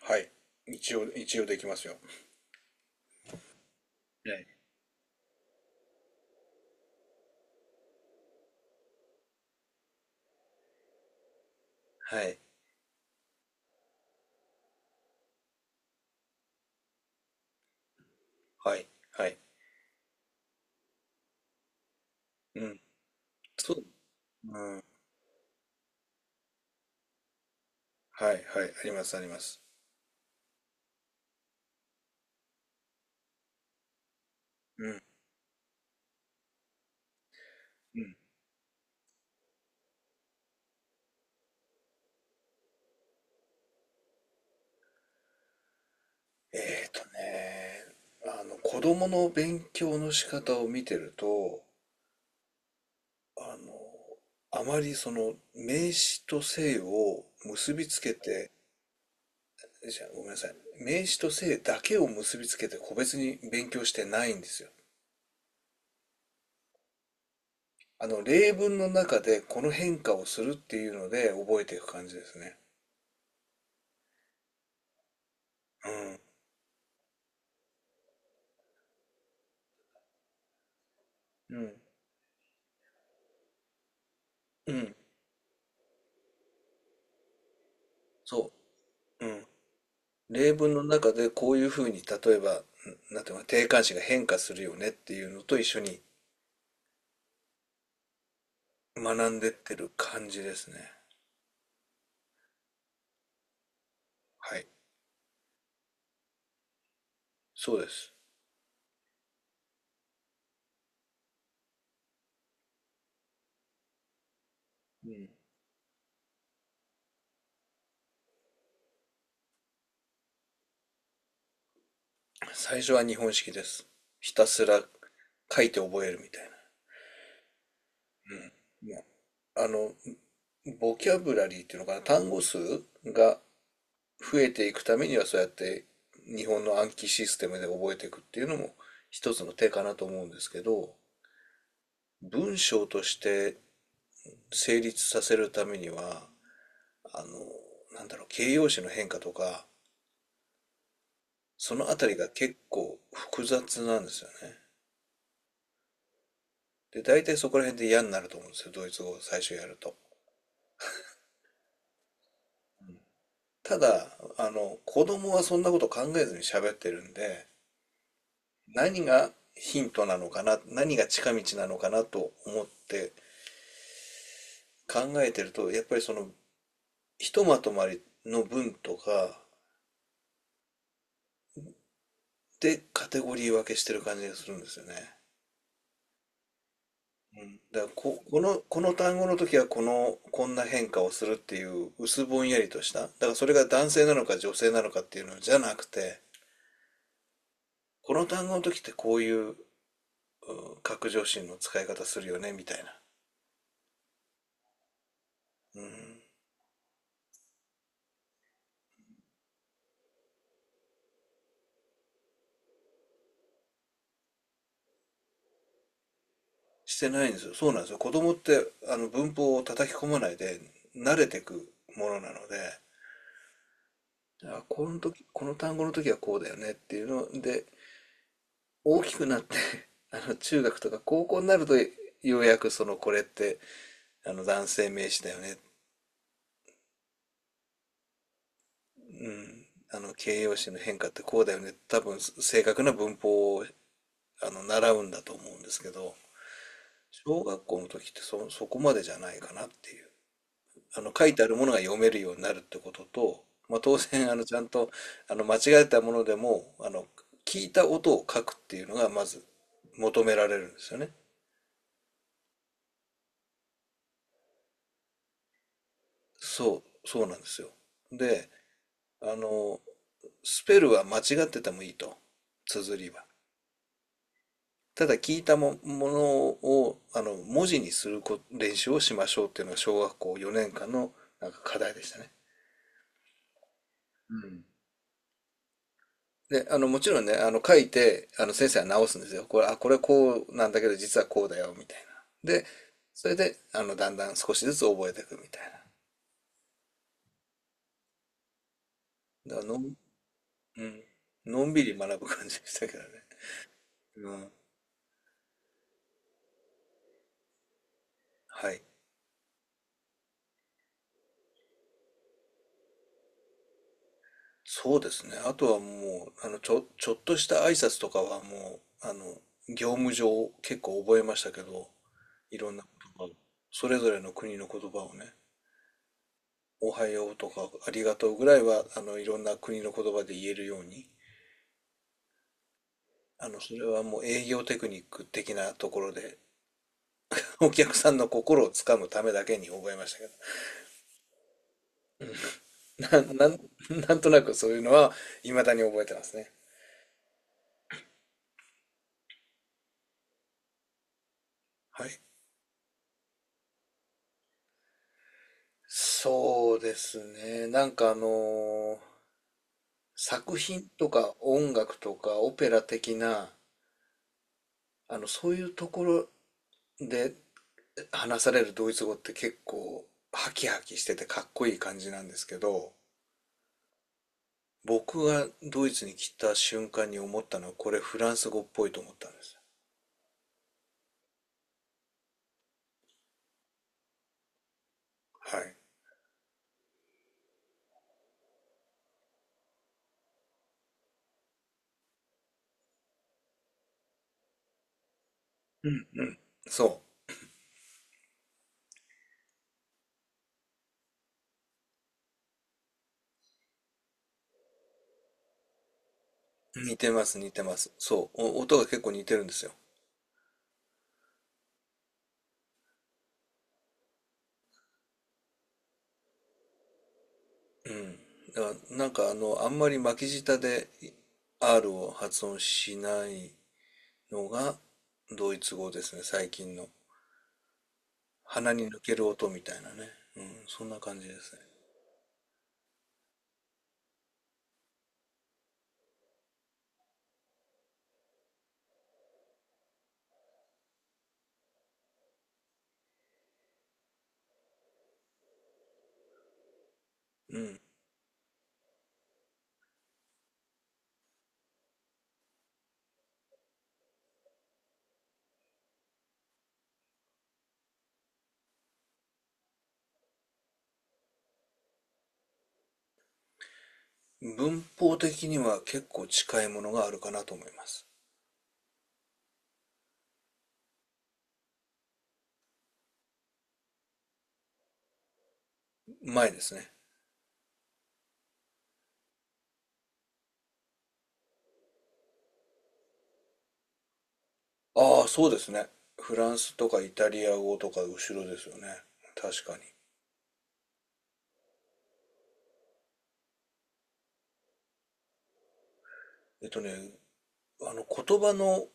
はい。一応できますよ。はい。はい。はい。うん。そう。うん。はい。はい。あります、あります。うん。うん。えーとね、子供の勉強の仕方を見てると、あの、あまりその、名詞と性を結びつけて、じゃあごめんなさい。名詞と性だけを結びつけて個別に勉強してないんですよ。例文の中でこの変化をするっていうので覚えていく感じですね。うん、うん、うんそう、うん。例文の中でこういうふうに、例えば、んなんていうのか、定冠詞が変化するよねっていうのと一緒に学んでってる感じですね。はい、そうです。うん。最初は日本式です。ひたすら書いて覚えるみたいな。うん。もう、あの、ボキャブラリーっていうのかな、単語数が増えていくためにはそうやって日本の暗記システムで覚えていくっていうのも一つの手かなと思うんですけど、文章として成立させるためには、あの、形容詞の変化とか、そのあたりが結構複雑なんですよね。で、大体そこら辺で嫌になると思うんですよ、ドイツ語を最初やると。ただ、子供はそんなこと考えずに喋ってるんで、何がヒントなのかな、何が近道なのかなと思って考えてると、やっぱりその、ひとまとまりの文とかでカテゴリー分けしてる感じがするんですよね。うん、だからこ、この、この単語の時はこの、こんな変化をするっていう薄ぼんやりとした。だからそれが男性なのか女性なのかっていうのじゃなくて、この単語の時ってこういう、拡上心の使い方するよねみたいな。うん。してないんですよ。そうなんですよ。子供ってあの文法を叩き込まないで慣れてくものなので、あ、この時、この単語の時はこうだよねっていうので、大きくなって あの中学とか高校になるとようやくそのこれってあの男性名詞だよね。うん。あの形容詞の変化ってこうだよね。多分正確な文法をあの習うんだと思うんですけど、小学校の時ってそこまでじゃないかなっていう。あの書いてあるものが読めるようになるってことと、まあ、当然あのちゃんとあの間違えたものでもあの聞いた音を書くっていうのがまず求められるんですよね。そう、そうなんですよ。で、あの、スペルは間違っててもいいと、綴りは。ただ聞いたも、ものを、文字にするこ練習をしましょうっていうのが小学校4年間のなんか課題でしたね。うん。で、もちろんね、書いて、先生は直すんですよ。これ、あ、これこうなんだけど、実はこうだよ、みたいな。で、それで、だんだん少しずつ覚えていくみたいな。だからのん、うん、のんびり学ぶ感じでしたけどね。うん。はい。そうですね。あとはもう、ちょっとした挨拶とかはもう、業務上結構覚えましたけど、いろんな言葉をそれぞれの国の言葉をね「おはよう」とか「ありがとう」ぐらいはあのいろんな国の言葉で言えるようにあのそれはもう営業テクニック的なところで お客さんの心をつかむためだけに覚えましたけど な、なん、なんとなくそういうのは未だに覚えてますね。はい。そうですね。なんかあの作品とか音楽とかオペラ的な、そういうところで話されるドイツ語って結構ハキハキしててかっこいい感じなんですけど、僕がドイツに来た瞬間に思ったのはこれフランス語っぽいと思ったんです。はい。うん。そう。似てます、似てます。そう。お音が結構似てるんですよ。うん。だからなんかあの、あんまり巻き舌で R を発音しないのがドイツ語ですね、最近の。鼻に抜ける音みたいなね。うん、そんな感じですね。うん。文法的には結構近いものがあるかなと思います。前ですね。ああ、そうですね。フランスとかイタリア語とか後ろですよね。確かに。えっとね、言葉の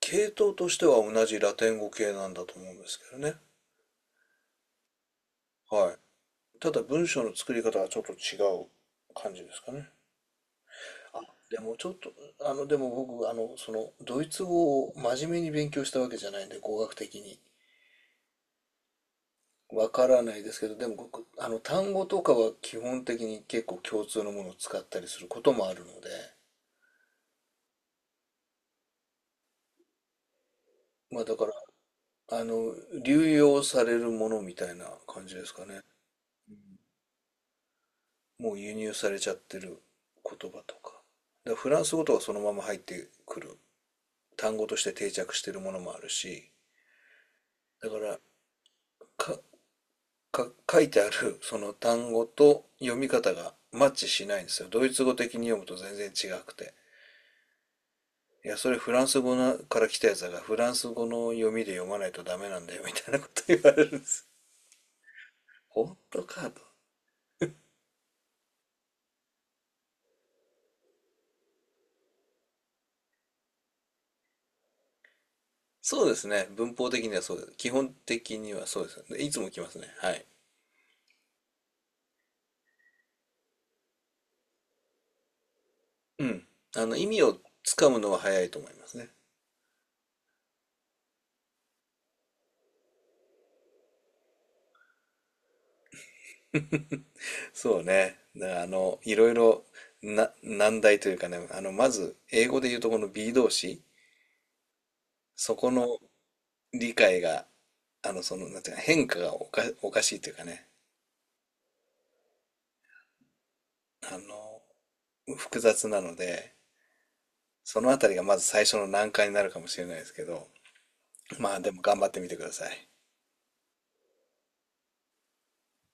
系統としては同じラテン語系なんだと思うんですけどね。はい。ただ文章の作り方はちょっと違う感じですかね。あ、でもちょっと、あの、でも僕、あの、その、ドイツ語を真面目に勉強したわけじゃないんで、語学的に。わからないですけど、でも僕あの単語とかは基本的に結構共通のものを使ったりすることもあるので、まあだから、あの、流用されるものみたいな感じですかね。もう輸入されちゃってる言葉とか。だからフランス語とかそのまま入ってくる単語として定着してるものもあるし、だからか、書いてあるその単語と読み方がマッチしないんですよ。ドイツ語的に読むと全然違くて。いや、それフランス語なから来たやつだから、フランス語の読みで読まないとダメなんだよ、みたいなこと言われるんです。本当かと。そうですね。文法的にはそうです。基本的にはそうです。でいつも来ますね。はい。うん。意味をつかむのは早いと思いますね。そうね。だからあの、いろいろな、難題というかね、まず、英語で言うとこの B 動詞、そこの理解が、あの、その、なんていうか、変化がおかしいというかね、あの、複雑なので、そのあたりがまず最初の難関になるかもしれないですけど、まあでも頑張ってみてください。